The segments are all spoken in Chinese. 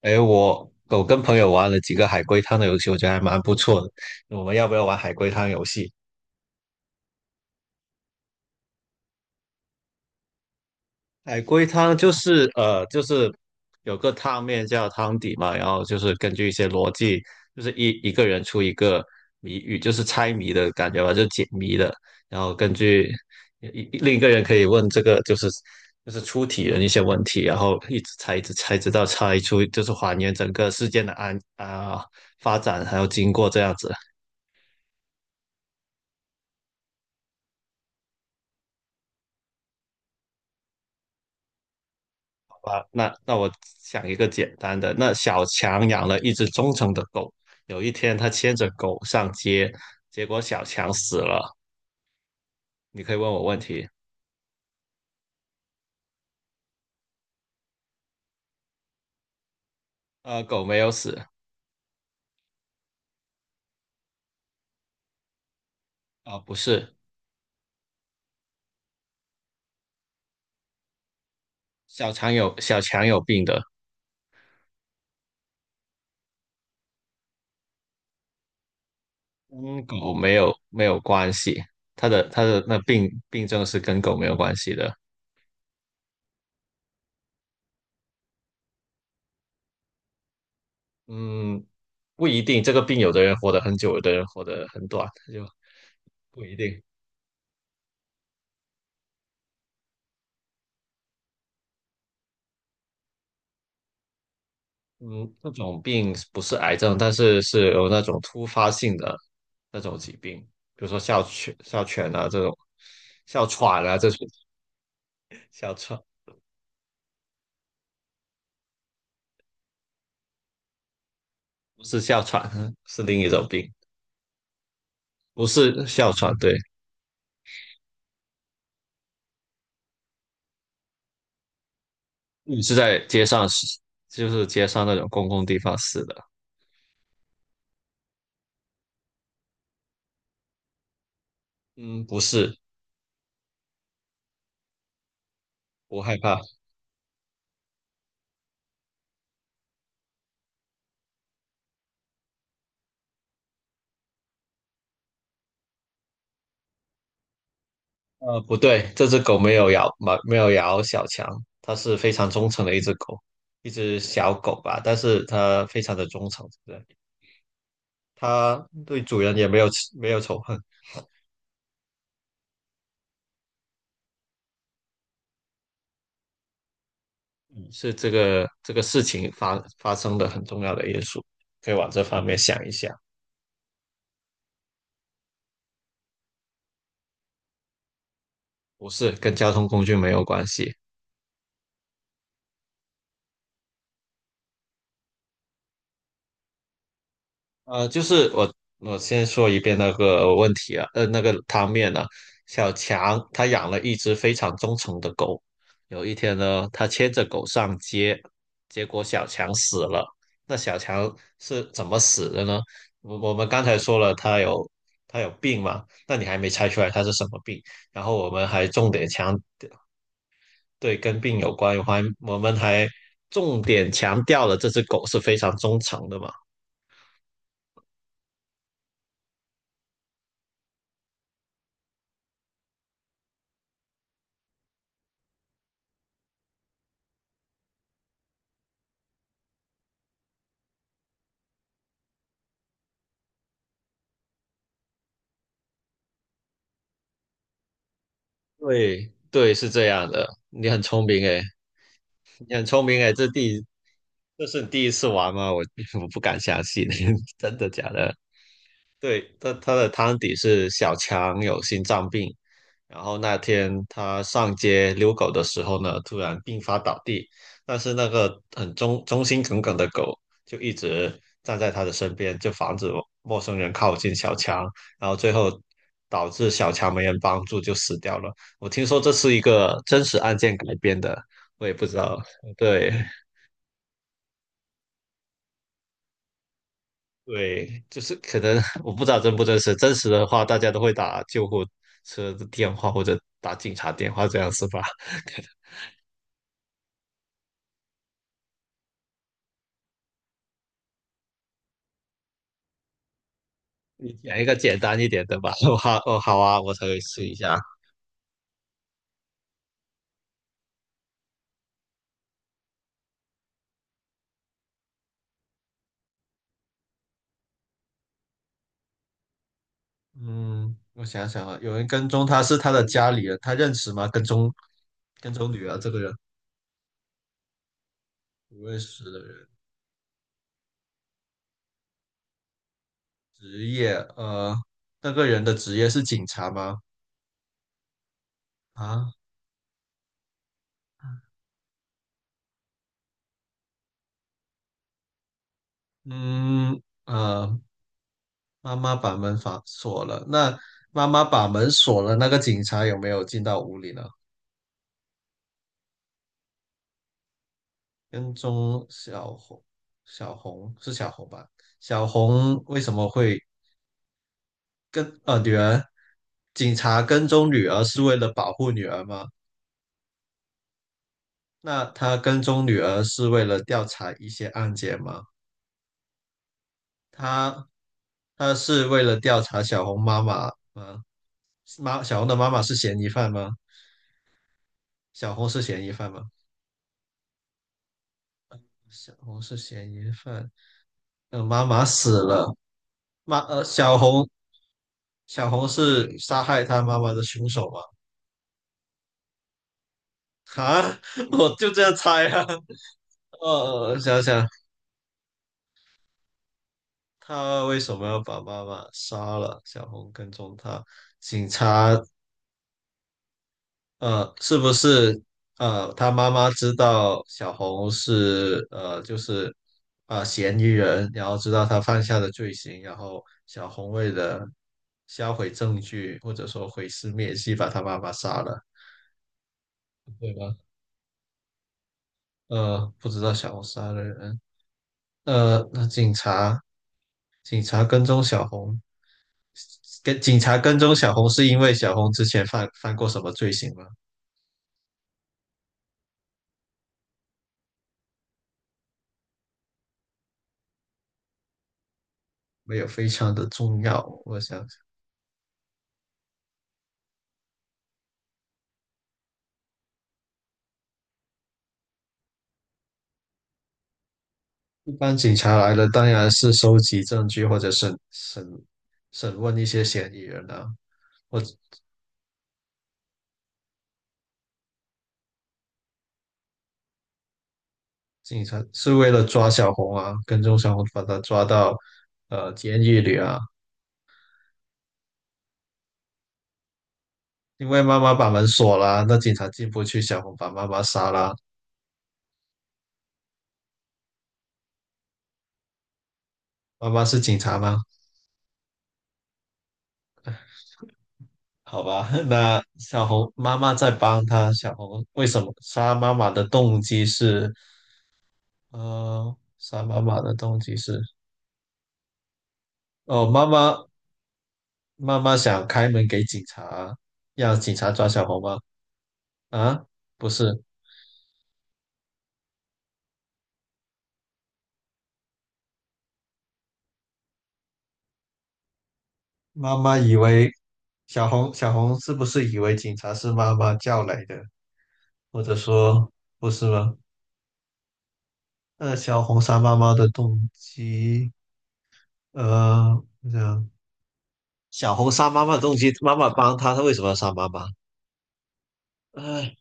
哎，我跟朋友玩了几个海龟汤的游戏，我觉得还蛮不错的。我们要不要玩海龟汤游戏？海龟汤就是就是有个汤面叫汤底嘛，然后就是根据一些逻辑，就是一个人出一个谜语，就是猜谜的感觉吧，就解谜的。然后根据另一个人可以问这个就是出题人一些问题，然后一直猜一直猜，直到猜出就是还原整个事件的发展还有经过这样子。那我想一个简单的，那小强养了一只忠诚的狗，有一天他牵着狗上街，结果小强死了。你可以问我问题。狗没有死。啊，不是。小强有病的。跟狗没有关系，他的那病症是跟狗没有关系的。嗯，不一定，这个病有的人活得很久，有的人活得很短，就不一定。嗯，那种病不是癌症，但是是有那种突发性的那种疾病，比如说哮喘、哮喘啊这种，哮喘啊这种，哮喘不是哮喘，是另一种病，不是哮喘，对。你是在街上死，就是街上那种公共地方死的。嗯，不是。不害怕。不对，这只狗没有咬，没有咬小强，它是非常忠诚的一只狗，一只小狗吧，但是它非常的忠诚，对。他对主人也没有仇恨，是这个事情发生的很重要的因素，可以往这方面想一想。不是跟交通工具没有关系。就是我先说一遍那个问题啊。那个汤面呢、小强他养了一只非常忠诚的狗，有一天呢，他牵着狗上街，结果小强死了。那小强是怎么死的呢？我们刚才说了，他有病嘛，那你还没猜出来他是什么病？然后我们还重点强对，跟病有关。我们还重点强调了这只狗是非常忠诚的嘛。对对，是这样的，你很聪明诶。你很聪明诶，这是你第一次玩吗？我 我不敢相信。真的假的？对，他的汤底是小强有心脏病，然后那天他上街遛狗的时候呢，突然病发倒地，但是那个很忠心耿耿的狗就一直站在他的身边，就防止陌生人靠近小强，然后最后导致小强没人帮助就死掉了。我听说这是一个真实案件改编的，我也不知道。对。对，就是可能 我不知道真不真实，真实的话大家都会打救护车的电话或者打警察电话这样是吧？你讲一个简单一点的吧。我好，哦，好啊，我可以试一下。嗯，我想想啊，有人跟踪他是他的家里人，他认识吗？跟踪女儿这个人不认识的人。职业那个人的职业是警察吗？啊。嗯呃，妈妈把门反锁了，那妈妈把门锁了，那个警察有没有进到屋里呢？跟踪小红，小红是小红吧？小红为什么会女儿，警察跟踪女儿是为了保护女儿吗？那他跟踪女儿是为了调查一些案件吗？他他是为了调查小红妈妈吗？小红的妈妈是嫌疑犯吗？小红是嫌疑犯吗？小红是嫌疑犯。呃，妈妈死了。妈呃，小红小红是杀害他妈妈的凶手吗？啊，我就这样猜啊。呃，想想。他为什么要把妈妈杀了？小红跟踪他。警察。是不是，他妈妈知道小红是，就是，嫌疑人，然后知道他犯下的罪行，然后小红为了销毁证据或者说毁尸灭迹，把他妈妈杀了，对吧？不知道小红杀了人。那警察。警察跟踪小红，警察跟踪小红是因为小红之前犯过什么罪行吗？没有，非常的重要。我想想，一般警察来了，当然是收集证据或者审问一些嫌疑人啊。我警察是为了抓小红啊，跟踪小红，把她抓到监狱里啊。因为妈妈把门锁了，那警察进不去，小红把妈妈杀了。妈妈是警察吗？好吧，那小红妈妈在帮他。小红为什么杀妈妈的动机是，杀妈妈的动机是，哦，妈妈想开门给警察，让警察抓小红吗？啊，不是。妈妈以为，小红是不是以为警察是妈妈叫来的，或者说不是吗？那小红杀妈妈的动机，呃，我想。小红杀妈妈的动机，妈妈帮她，她为什么要杀妈妈？哎，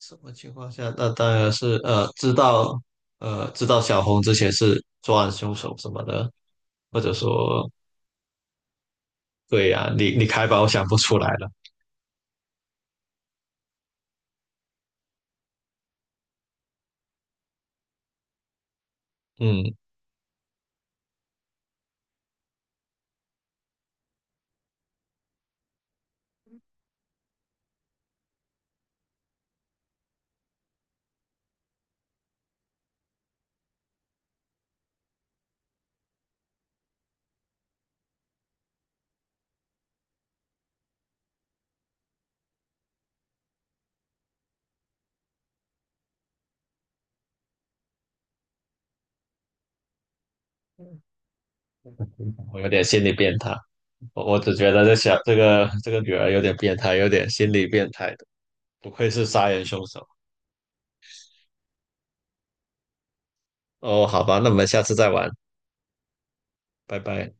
什么情况下？那当然是知道知道小红之前是作案凶手什么的，或者说，对呀、你开吧，我想不出来了。嗯，我有点心理变态，我只觉得这个女儿有点变态，有点心理变态的，不愧是杀人凶手。哦，好吧，那我们下次再玩，拜拜。